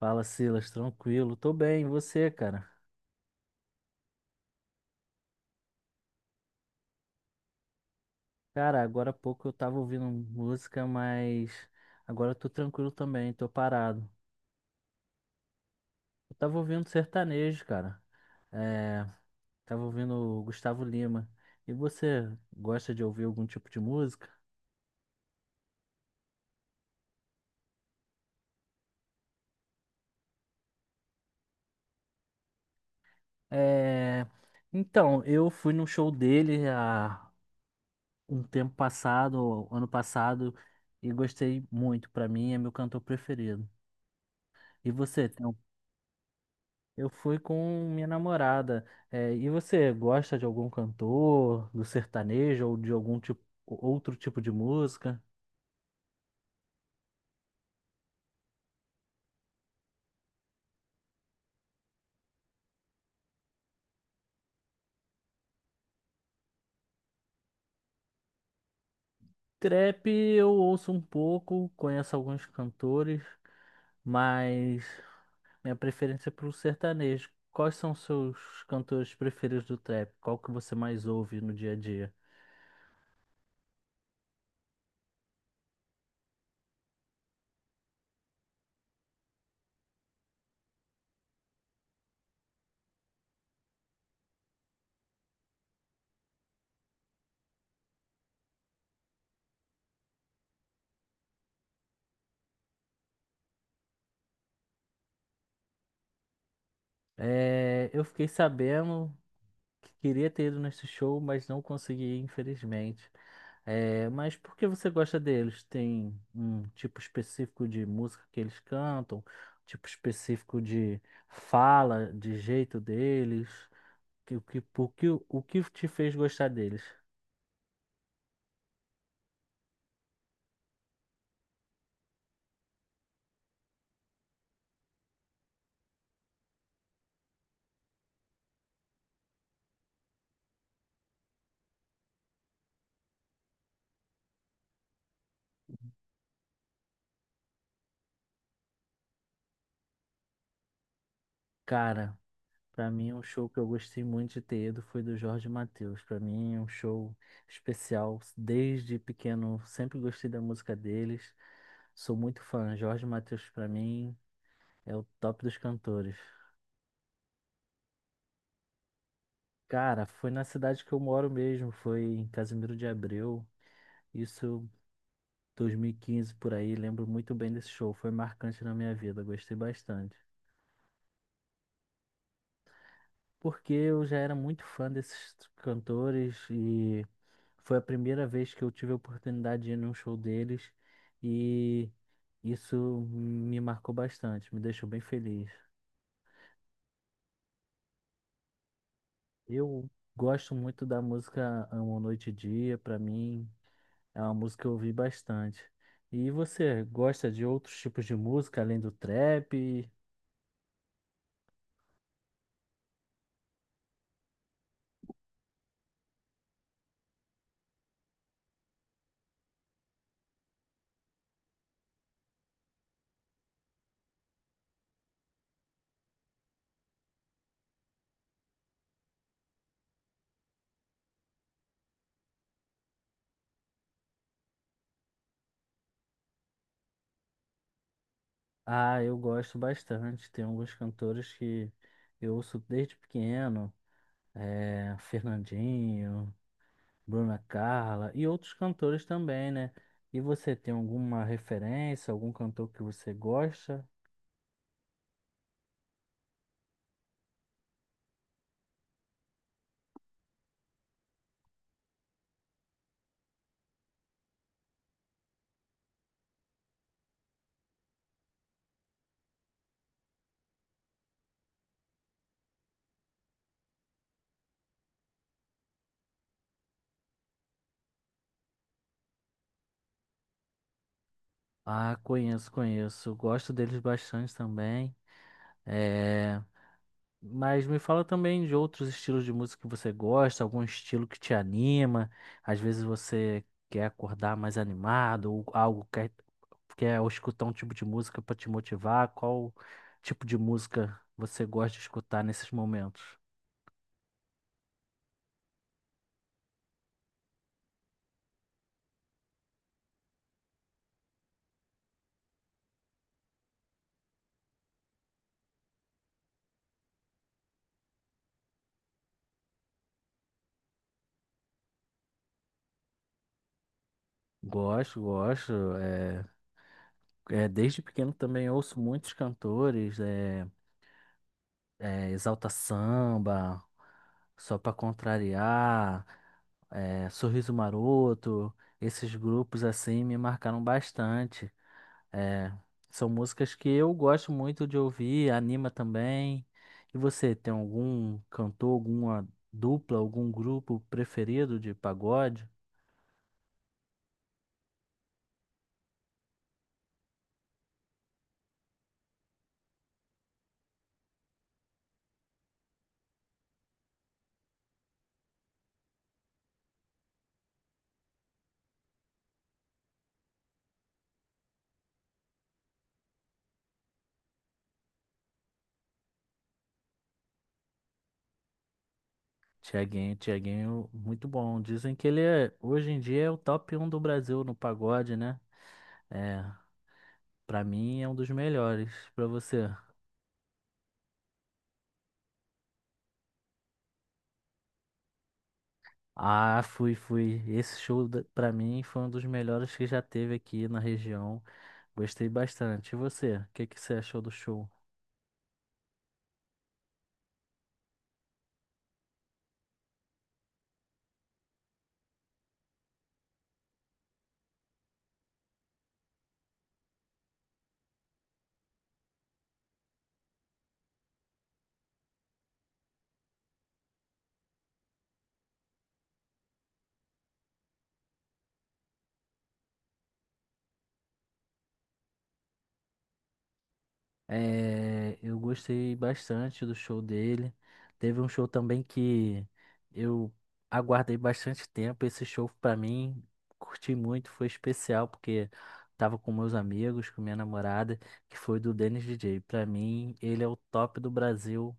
Fala, Silas, tranquilo? Tô bem, e você, cara? Cara, agora há pouco eu tava ouvindo música, mas agora eu tô tranquilo também, tô parado. Eu tava ouvindo sertanejo, cara. É, Tava ouvindo o Gustavo Lima. E você gosta de ouvir algum tipo de música? É, então, eu fui num show dele há um tempo passado, ano passado, e gostei muito. Pra mim, é meu cantor preferido. E você, tem. Eu fui com minha namorada. É, e você gosta de algum cantor, do sertanejo ou de algum tipo, outro tipo de música? Trap eu ouço um pouco, conheço alguns cantores, mas minha preferência é pro sertanejo. Quais são os seus cantores preferidos do trap? Qual que você mais ouve no dia a dia? É, eu fiquei sabendo que queria ter ido nesse show, mas não consegui, infelizmente. É, mas por que você gosta deles? Tem um tipo específico de música que eles cantam, tipo específico de fala, de jeito deles? O que te fez gostar deles? Cara, pra mim um show que eu gostei muito de ter ido foi do Jorge Mateus. Pra mim é um show especial. Desde pequeno sempre gostei da música deles. Sou muito fã. Jorge Mateus pra mim é o top dos cantores. Cara, foi na cidade que eu moro mesmo, foi em Casimiro de Abreu, isso 2015 por aí, lembro muito bem desse show, foi marcante na minha vida, gostei bastante. Porque eu já era muito fã desses cantores e foi a primeira vez que eu tive a oportunidade de ir num show deles e isso me marcou bastante, me deixou bem feliz. Eu gosto muito da música Amo Noite e Dia. Pra mim é uma música que eu ouvi bastante. E você gosta de outros tipos de música além do trap? Ah, eu gosto bastante. Tem alguns cantores que eu ouço desde pequeno, Fernandinho, Bruna Carla e outros cantores também, né? E você tem alguma referência, algum cantor que você gosta? Ah, conheço, conheço. Gosto deles bastante também. É, mas me fala também de outros estilos de música que você gosta, algum estilo que te anima. Às vezes você quer acordar mais animado, ou algo quer, quer escutar um tipo de música para te motivar. Qual tipo de música você gosta de escutar nesses momentos? Gosto, gosto. Desde pequeno também ouço muitos cantores, Exalta Samba, Só Pra Contrariar, Sorriso Maroto, esses grupos assim me marcaram bastante. É, são músicas que eu gosto muito de ouvir, anima também. E você tem algum cantor, alguma dupla, algum grupo preferido de pagode? Tiaguinho, Tiaguinho, muito bom. Dizem que ele é, hoje em dia, é o top um do Brasil no pagode, né? É, para mim é um dos melhores. Para você? Ah, fui, fui. Esse show da- pra mim foi um dos melhores que já teve aqui na região. Gostei bastante. E você? O que que você achou do show? É, eu gostei bastante do show dele. Teve um show também que eu aguardei bastante tempo. Esse show pra mim, curti muito, foi especial porque tava com meus amigos, com minha namorada, que foi do Dennis DJ. Pra mim, ele é o top do Brasil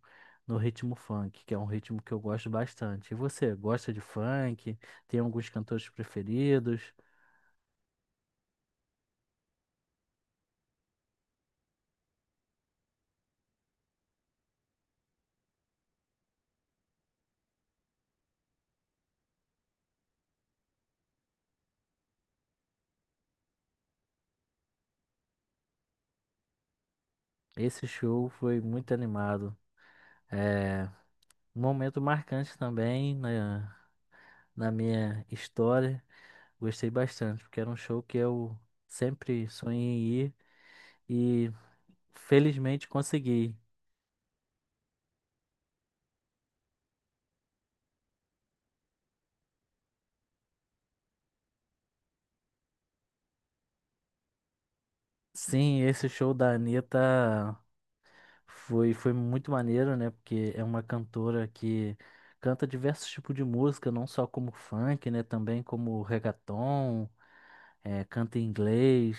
no ritmo funk, que é um ritmo que eu gosto bastante. E você, gosta de funk? Tem alguns cantores preferidos? Esse show foi muito animado. É, um momento marcante também na, na minha história. Gostei bastante, porque era um show que eu sempre sonhei em ir e felizmente consegui. Sim, esse show da Anitta foi, foi muito maneiro, né? Porque é uma cantora que canta diversos tipos de música, não só como funk, né? Também como reggaeton, canta em inglês.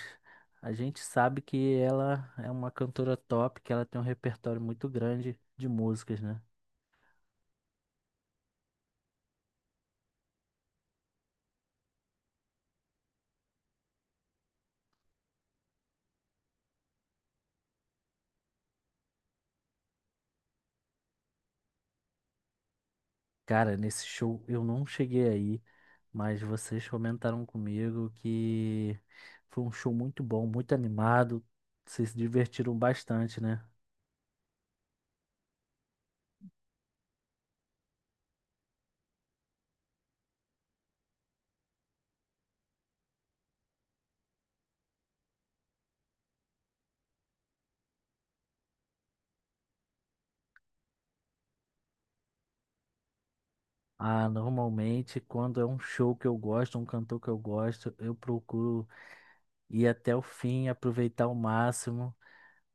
A gente sabe que ela é uma cantora top, que ela tem um repertório muito grande de músicas, né? Cara, nesse show eu não cheguei aí, mas vocês comentaram comigo que foi um show muito bom, muito animado. Vocês se divertiram bastante, né? Ah, normalmente quando é um show que eu gosto, um cantor que eu gosto, eu procuro ir até o fim, aproveitar ao máximo,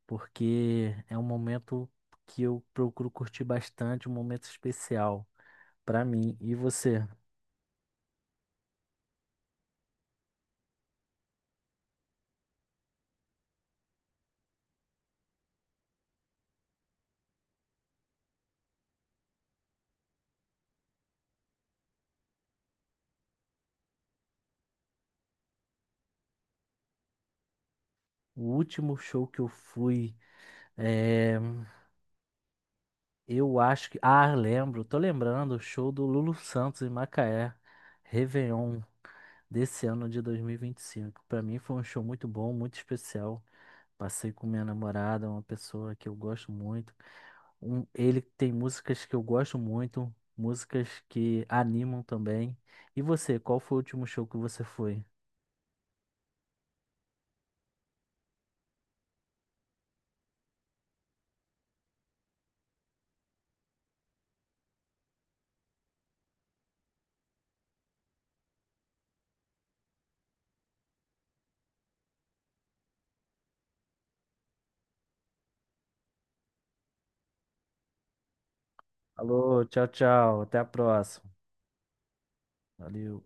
porque é um momento que eu procuro curtir bastante, um momento especial pra mim. E você? O último show que eu fui. eh, Eu acho que. Ah, lembro, tô lembrando, o show do Lulu Santos em Macaé, Réveillon, desse ano de 2025. Pra mim foi um show muito bom, muito especial. Passei com minha namorada, uma pessoa que eu gosto muito. Ele tem músicas que eu gosto muito, músicas que animam também. E você, qual foi o último show que você foi? Alô, tchau, tchau, até a próxima. Valeu.